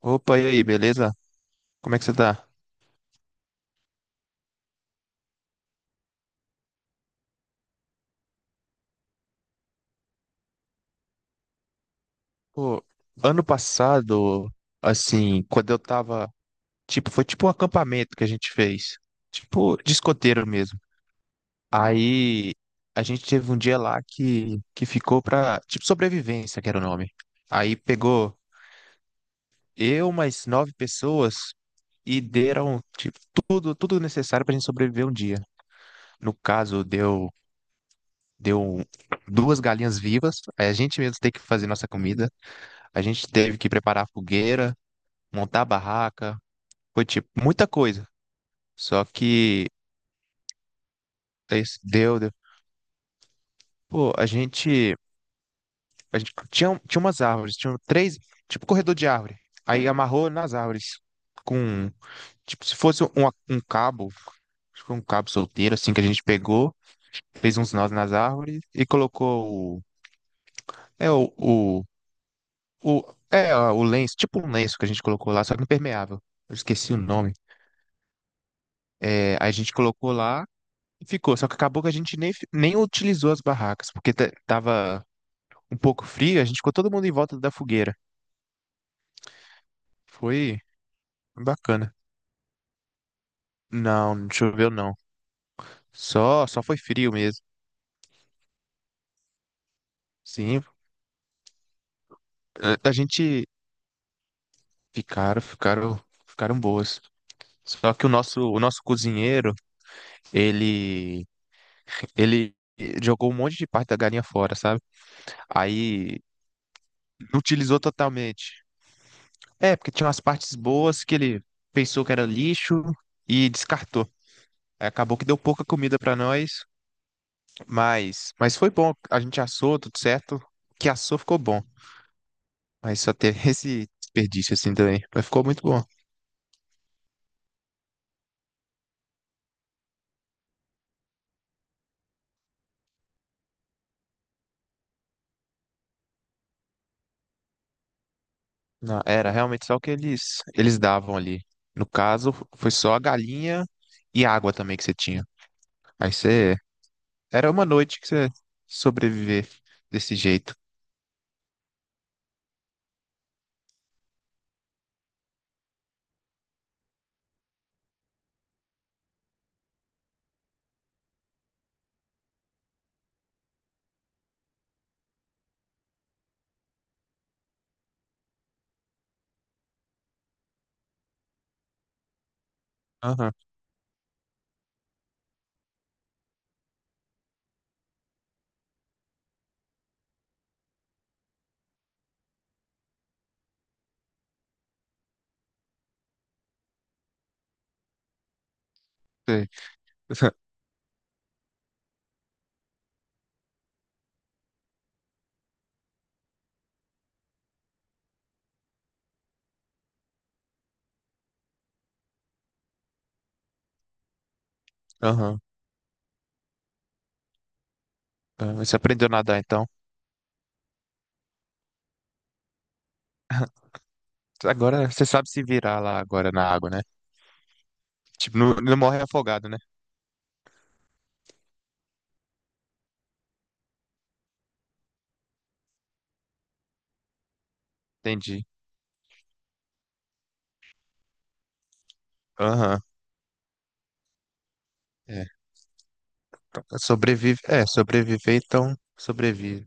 Opa, e aí, beleza? Como é que você tá? Pô, ano passado, assim, quando eu tava, tipo, foi tipo um acampamento que a gente fez, tipo, de escoteiro mesmo. Aí a gente teve um dia lá que ficou pra, tipo, sobrevivência, que era o nome. Aí pegou eu mais nove pessoas e deram, tipo, tudo necessário pra gente sobreviver um dia. No caso, deu duas galinhas vivas, aí a gente mesmo tem que fazer nossa comida. A gente teve que preparar fogueira, montar barraca, foi tipo muita coisa. Só que esse deu, deu. Pô, a gente tinha umas árvores, tinha três, tipo corredor de árvore. Aí amarrou nas árvores com, tipo, se fosse um, um cabo, acho que foi um cabo solteiro assim que a gente pegou, fez uns nós nas árvores e colocou o, é o, o, o o lenço, tipo um lenço que a gente colocou lá, só que impermeável. Eu esqueci o nome. É, aí a gente colocou lá. Ficou, só que acabou que a gente nem utilizou as barracas, porque tava um pouco frio, a gente ficou todo mundo em volta da fogueira. Foi bacana. Não, não choveu não. Só foi frio mesmo. Sim, a gente ficaram, ficaram, ficaram boas. Só que o nosso cozinheiro, ele, ele jogou um monte de parte da galinha fora, sabe? Aí não utilizou totalmente. É, porque tinha umas partes boas que ele pensou que era lixo e descartou. Aí acabou que deu pouca comida pra nós, mas foi bom. A gente assou, tudo certo. O que assou ficou bom, mas só teve esse desperdício assim também. Mas ficou muito bom. Não, era realmente só o que eles davam ali. No caso, foi só a galinha e a água também que você tinha. Aí você. Era uma noite que você sobreviver desse jeito. Aham, sei. Aham. Ah, você aprendeu a nadar então. Agora você sabe se virar lá agora na água, né? Tipo, não, não morre afogado, né? Entendi. Aham. É, sobrevive. É, sobreviver, então sobrevive.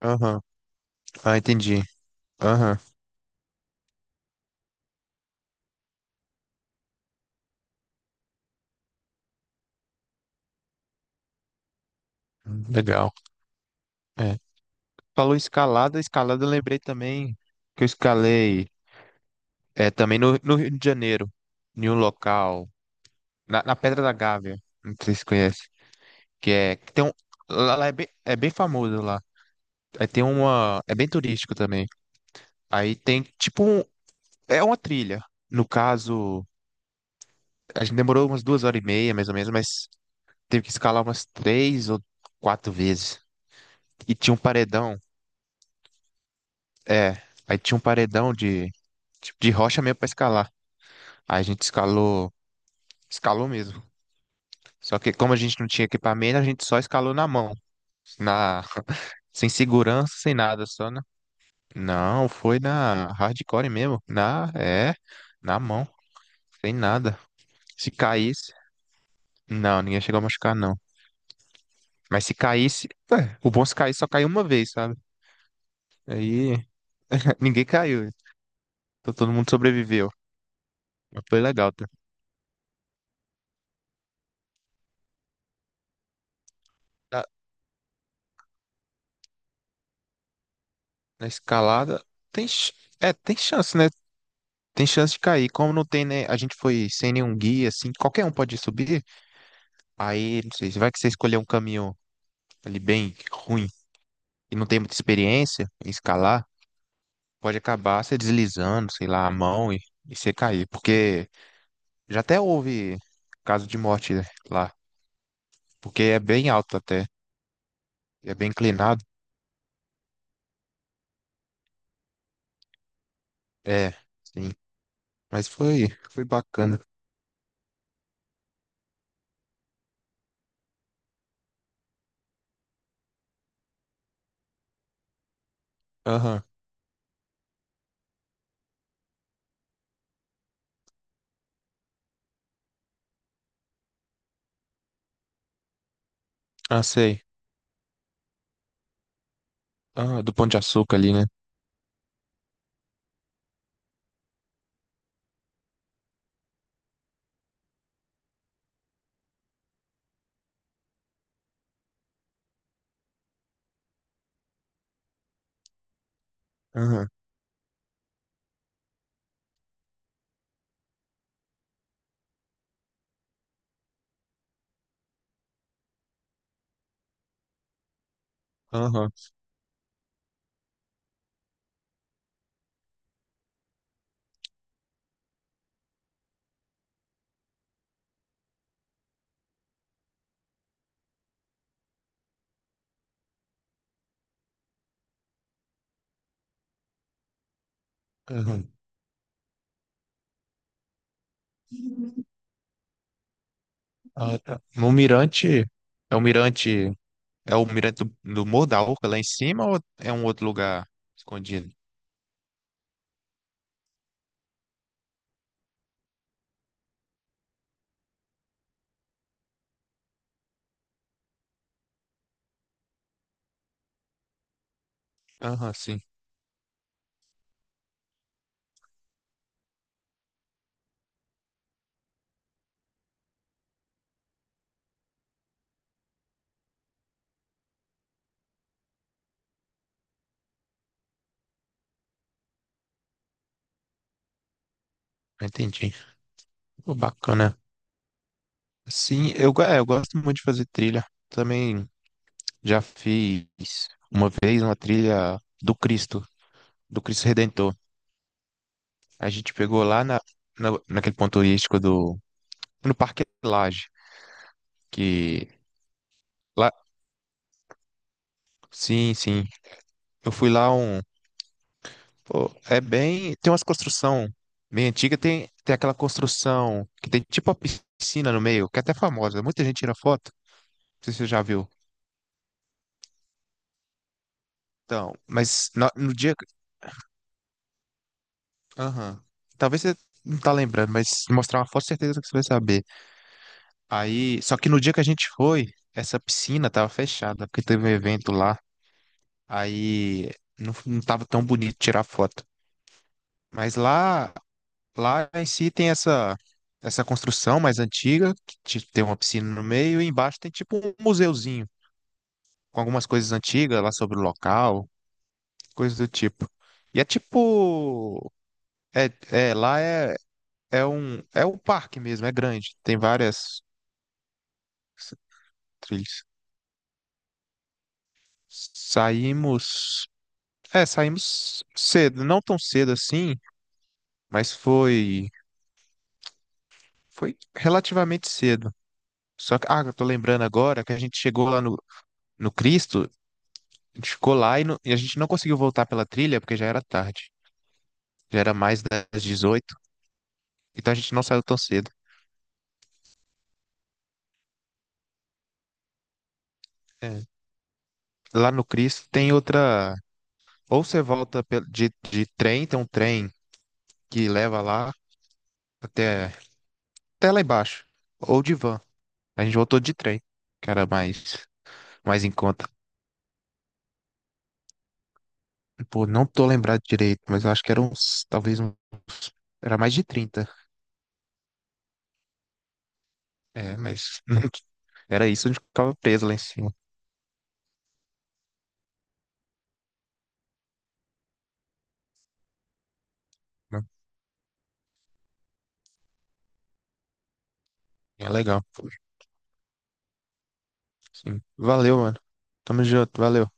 Aham. Ah, entendi. Aham. Legal. É. Falou escalada, escalada eu lembrei também que eu escalei, é, também no, no Rio de Janeiro, em um local, na, na Pedra da Gávea, não sei se você conhece, que é, que tem um, lá, lá é bem famoso lá, é, tem uma, é bem turístico também, aí tem tipo, um, é uma trilha, no caso, a gente demorou umas duas horas e meia, mais ou menos, mas teve que escalar umas três ou quatro vezes. E tinha um paredão, é, aí tinha um paredão de, tipo, de rocha mesmo pra escalar. Aí a gente escalou, escalou mesmo. Só que como a gente não tinha equipamento, a gente só escalou na mão, na, sem segurança, sem nada, só na... Não, foi na hardcore mesmo, na, é, na mão, sem nada. Se caísse, não, ninguém chegou a machucar, não. Mas se caísse, o bom é se caísse só caiu uma vez, sabe? Aí ninguém caiu, então todo mundo sobreviveu. Mas foi legal, tá? Na, na escalada, tem, é, tem chance, né? Tem chance de cair. Como não tem, né? A gente foi sem nenhum guia, assim, qualquer um pode subir. Aí, não sei, vai que você escolher um caminho ali bem ruim e não tem muita experiência em escalar, pode acabar você deslizando, sei lá, a mão e você cair. Porque já até houve caso de morte lá, porque é bem alto até, é bem inclinado. É, sim. Mas foi, foi bacana. Aham, ah, sei. Ah, do Pão de Açúcar ali, né? Aham, aham, aham. Ah, tá. No mirante, é o mirante, é o mirante do, do Morro da Urca lá em cima ou é um outro lugar escondido? Aham, sim, entendi. Pô, bacana. Sim, eu, é, eu gosto muito de fazer trilha. Também já fiz uma vez uma trilha do Cristo Redentor. A gente pegou lá na, naquele ponto turístico do, no Parque Lage, que lá, sim, sim. Eu fui lá um, pô, é bem. Tem umas construção bem antiga, tem, tem aquela construção que tem tipo uma piscina no meio, que é até famosa. Muita gente tira foto. Não sei se você já viu. Então, mas no, no dia aham, talvez você não tá lembrando, mas se mostrar uma foto, certeza que você vai saber. Aí. Só que no dia que a gente foi, essa piscina tava fechada, porque teve um evento lá. Aí não, não tava tão bonito tirar foto. Mas lá em si tem essa construção mais antiga, que tem uma piscina no meio, e embaixo tem tipo um museuzinho, com algumas coisas antigas lá sobre o local, coisas do tipo. E é tipo. É, lá é, é um. É um parque mesmo, é grande, tem várias trilhas. Saímos. É, saímos cedo, não tão cedo assim, mas foi. Foi relativamente cedo. Só que, ah, eu tô lembrando agora que a gente chegou lá no, no Cristo. A gente ficou lá e a gente não conseguiu voltar pela trilha porque já era tarde. Já era mais das 18, então a gente não saiu tão cedo. É. Lá no Cristo tem outra. Ou você volta de trem, tem um trem que leva lá até, até lá embaixo. Ou de van. A gente voltou de trem, que era mais, mais em conta. Pô, não tô lembrado direito, mas eu acho que era uns. Talvez um, era mais de 30. É, mas era isso, a gente ficava preso lá em cima. Né? É legal. Sim. Valeu, mano. Tamo junto, valeu.